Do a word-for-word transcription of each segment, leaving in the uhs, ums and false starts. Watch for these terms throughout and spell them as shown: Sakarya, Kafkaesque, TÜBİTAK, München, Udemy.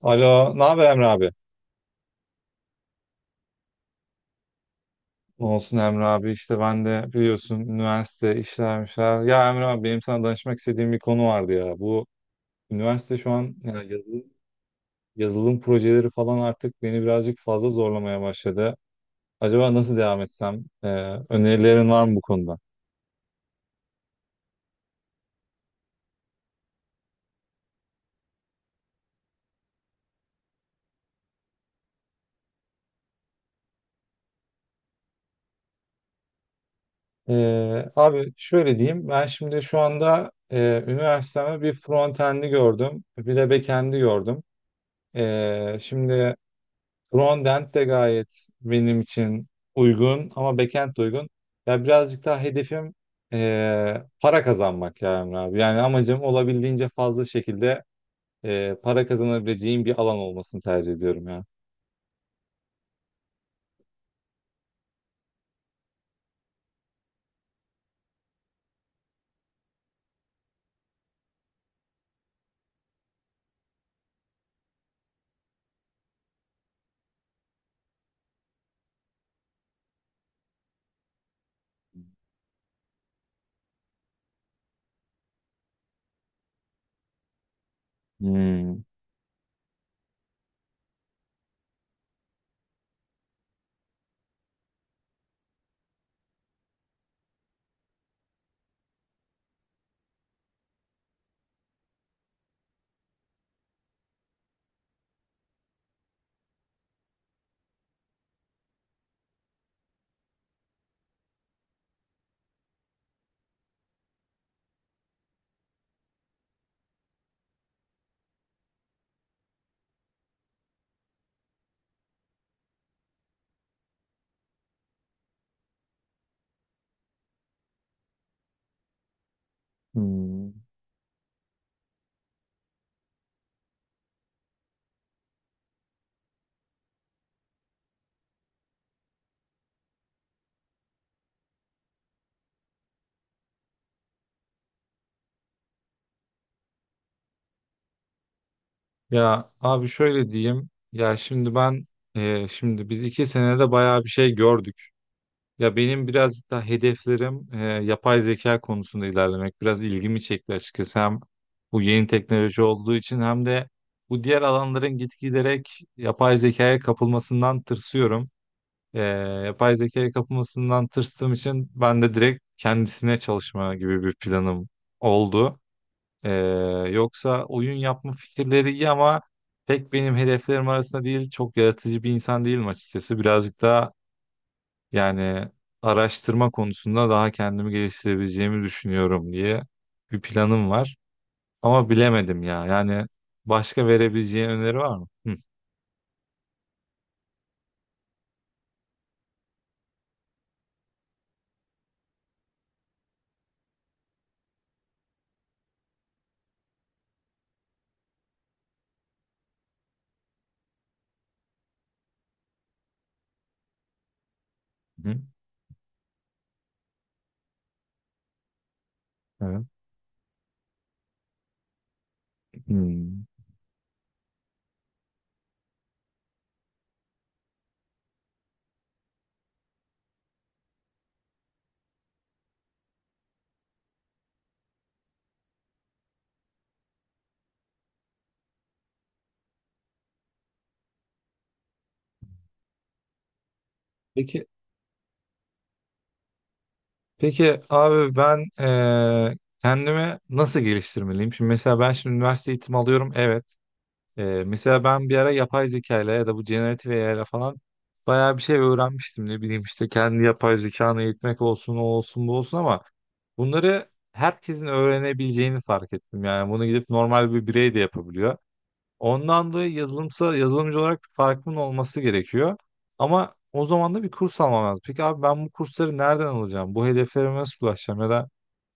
Alo, ne haber Emre abi? Ne olsun Emre abi işte ben de biliyorsun üniversite işlermişler. Ya Emre abi benim sana danışmak istediğim bir konu vardı ya. Bu üniversite şu an ya yazılım, yazılım projeleri falan artık beni birazcık fazla zorlamaya başladı. Acaba nasıl devam etsem? Ee, önerilerin var mı bu konuda? Ee, abi şöyle diyeyim ben şimdi şu anda e, üniversiteme bir frontend'i gördüm bir de backend'i gördüm. Ee, şimdi frontend de gayet benim için uygun ama backend de uygun. Ya birazcık daha hedefim eee, para kazanmak ya Emre abi. Yani amacım olabildiğince fazla şekilde eee, para kazanabileceğim bir alan olmasını tercih ediyorum ya. Hmm. Hmm. Ya abi şöyle diyeyim. Ya şimdi ben e, şimdi biz iki senede bayağı bir şey gördük. Ya benim birazcık daha hedeflerim e, yapay zeka konusunda ilerlemek. Biraz ilgimi çekti açıkçası. Hem bu yeni teknoloji olduğu için hem de bu diğer alanların gitgiderek yapay zekaya kapılmasından tırsıyorum. E, Yapay zekaya kapılmasından tırstığım için ben de direkt kendisine çalışma gibi bir planım oldu. Ee, Yoksa oyun yapma fikirleri iyi ama pek benim hedeflerim arasında değil. Çok yaratıcı bir insan değilim açıkçası. Birazcık daha yani araştırma konusunda daha kendimi geliştirebileceğimi düşünüyorum diye bir planım var. Ama bilemedim ya. Yani başka verebileceğin öneri var mı? Hı hı. Evet. Hmm. Peki, peki abi ben eee, kendimi nasıl geliştirmeliyim? Şimdi mesela ben şimdi üniversite eğitimi alıyorum. Evet. Ee, mesela ben bir ara yapay zeka ile ya da bu generatif A I ile falan bayağı bir şey öğrenmiştim. Ne bileyim işte kendi yapay zekanı eğitmek olsun o olsun bu olsun ama bunları herkesin öğrenebileceğini fark ettim. Yani bunu gidip normal bir birey de yapabiliyor. Ondan dolayı yazılımsa yazılımcı olarak bir farkımın olması gerekiyor. Ama o zaman da bir kurs almam lazım. Peki abi ben bu kursları nereden alacağım? Bu hedeflerime nasıl ulaşacağım? Ya da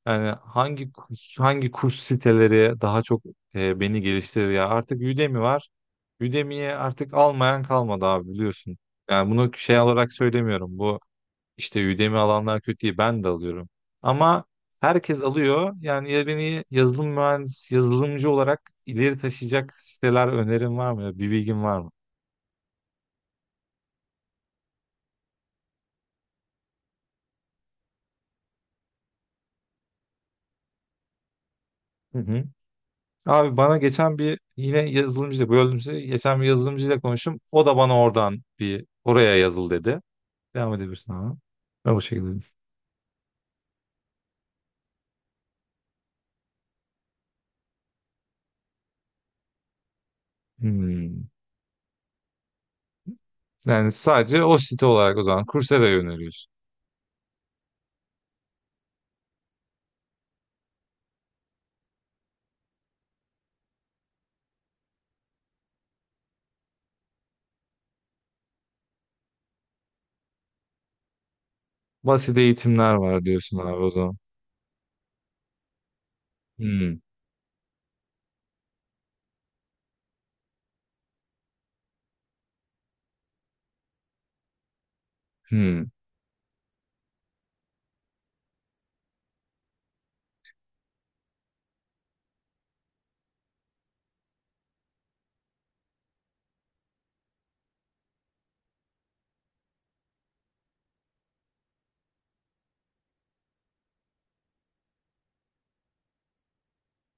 yani hangi kurs, hangi kurs siteleri daha çok e, beni geliştirir ya? Artık Udemy var. Udemy'ye artık almayan kalmadı abi biliyorsun. Yani bunu şey olarak söylemiyorum. Bu işte Udemy alanlar kötü değil. Ben de alıyorum. Ama herkes alıyor. Yani ya beni yazılım mühendisi, yazılımcı olarak ileri taşıyacak siteler önerin var mı? Bir bilgin var mı? Hı hı. Abi bana geçen bir yine yazılımcıyla böldüm sizi. Geçen bir yazılımcıyla konuştum. O da bana oradan bir oraya yazıl dedi. Devam edebilirsin ama. Ben bu şekilde. Hmm. Yani sadece o site olarak o zaman Coursera'ya yöneliyorsun. Basit eğitimler var diyorsun abi o zaman. Hmm. Hmm.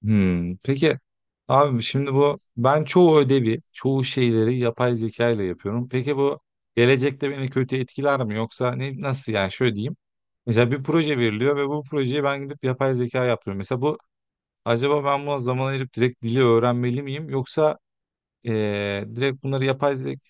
Hmm. Peki abi şimdi bu ben çoğu ödevi, çoğu şeyleri yapay zeka ile yapıyorum. Peki bu gelecekte beni kötü etkiler mi yoksa ne nasıl yani şöyle diyeyim. Mesela bir proje veriliyor ve bu projeyi ben gidip yapay zeka yapıyorum. Mesela bu acaba ben buna zaman ayırıp direkt dili öğrenmeli miyim yoksa Ee, direkt bunları yapay zeka.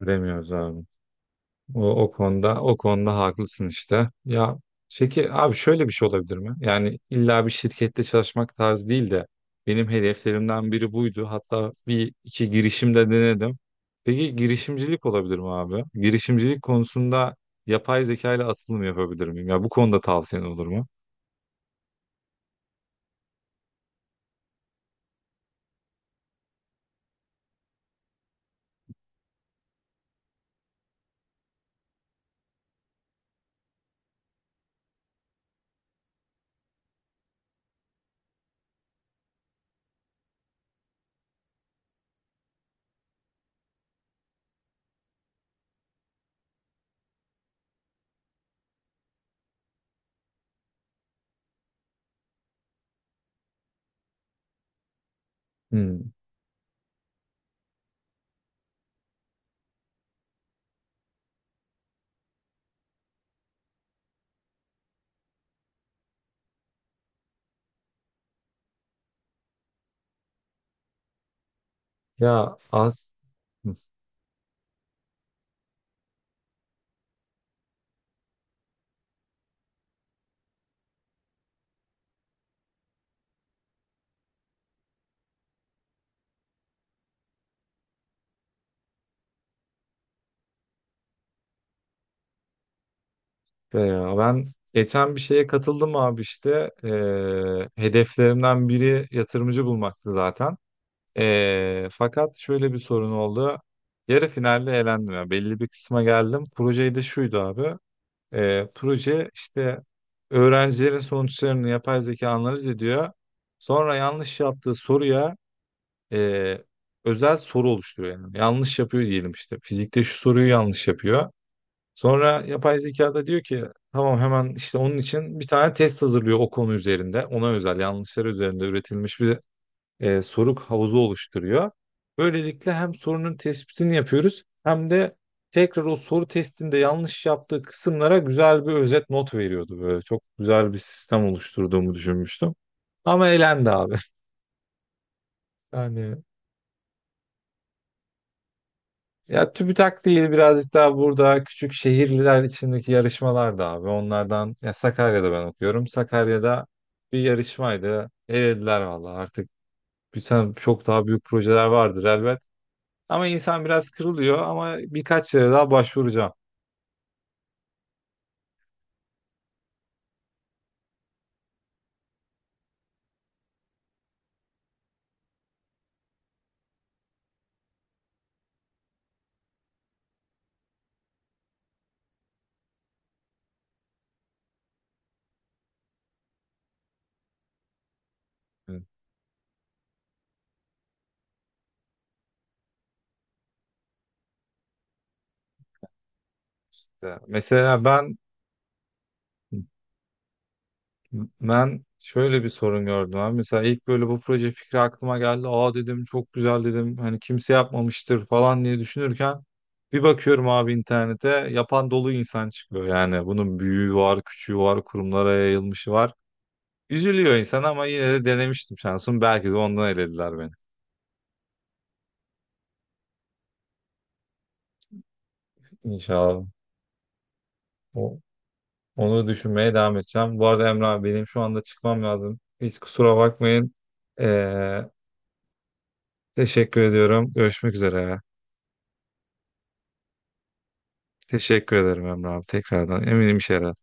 Bilemiyoruz abi. O, o konuda o konuda haklısın işte. Ya peki abi şöyle bir şey olabilir mi? Yani illa bir şirkette çalışmak tarzı değil de benim hedeflerimden biri buydu. Hatta bir iki girişimde denedim. Peki girişimcilik olabilir mi abi? Girişimcilik konusunda yapay zeka ile atılım yapabilir miyim? Ya bu konuda tavsiyen olur mu? Hmm. Ya az be ya ben geçen bir şeye katıldım abi işte. Ee, hedeflerimden biri yatırımcı bulmaktı zaten. Ee, fakat şöyle bir sorun oldu. Yarı finalde elendim. Ya belli bir kısma geldim. Projeyi de şuydu abi. Ee, proje işte öğrencilerin sonuçlarını yapay zeka analiz ediyor. Sonra yanlış yaptığı soruya e, özel soru oluşturuyor. Yani yanlış yapıyor diyelim işte. Fizikte şu soruyu yanlış yapıyor. Sonra yapay zeka da diyor ki tamam hemen işte onun için bir tane test hazırlıyor o konu üzerinde. Ona özel yanlışlar üzerinde üretilmiş bir e, soruk havuzu oluşturuyor. Böylelikle hem sorunun tespitini yapıyoruz hem de tekrar o soru testinde yanlış yaptığı kısımlara güzel bir özet not veriyordu böyle. Çok güzel bir sistem oluşturduğumu düşünmüştüm. Ama elendi abi. Yani ya TÜBİTAK değil birazcık daha burada küçük şehirliler içindeki yarışmalar da abi. Onlardan ya Sakarya'da ben okuyorum. Sakarya'da bir yarışmaydı. Elediler valla artık bir sen çok daha büyük projeler vardır elbet. Ama insan biraz kırılıyor ama birkaç yere daha başvuracağım. Evet. Ya Mesela ben ben şöyle bir sorun gördüm abi. Mesela ilk böyle bu proje fikri aklıma geldi. Aa dedim çok güzel dedim. Hani kimse yapmamıştır falan diye düşünürken bir bakıyorum abi internete yapan dolu insan çıkıyor. Yani bunun büyüğü var, küçüğü var, kurumlara yayılmışı var. Üzülüyor insan ama yine de denemiştim şansım. Belki de ondan elediler beni. İnşallah. Onu düşünmeye devam edeceğim. Bu arada Emre abi benim şu anda çıkmam lazım. Hiç kusura bakmayın. Ee, Teşekkür ediyorum. Görüşmek üzere. Teşekkür ederim Emre abi tekrardan. Eminim işe yarar.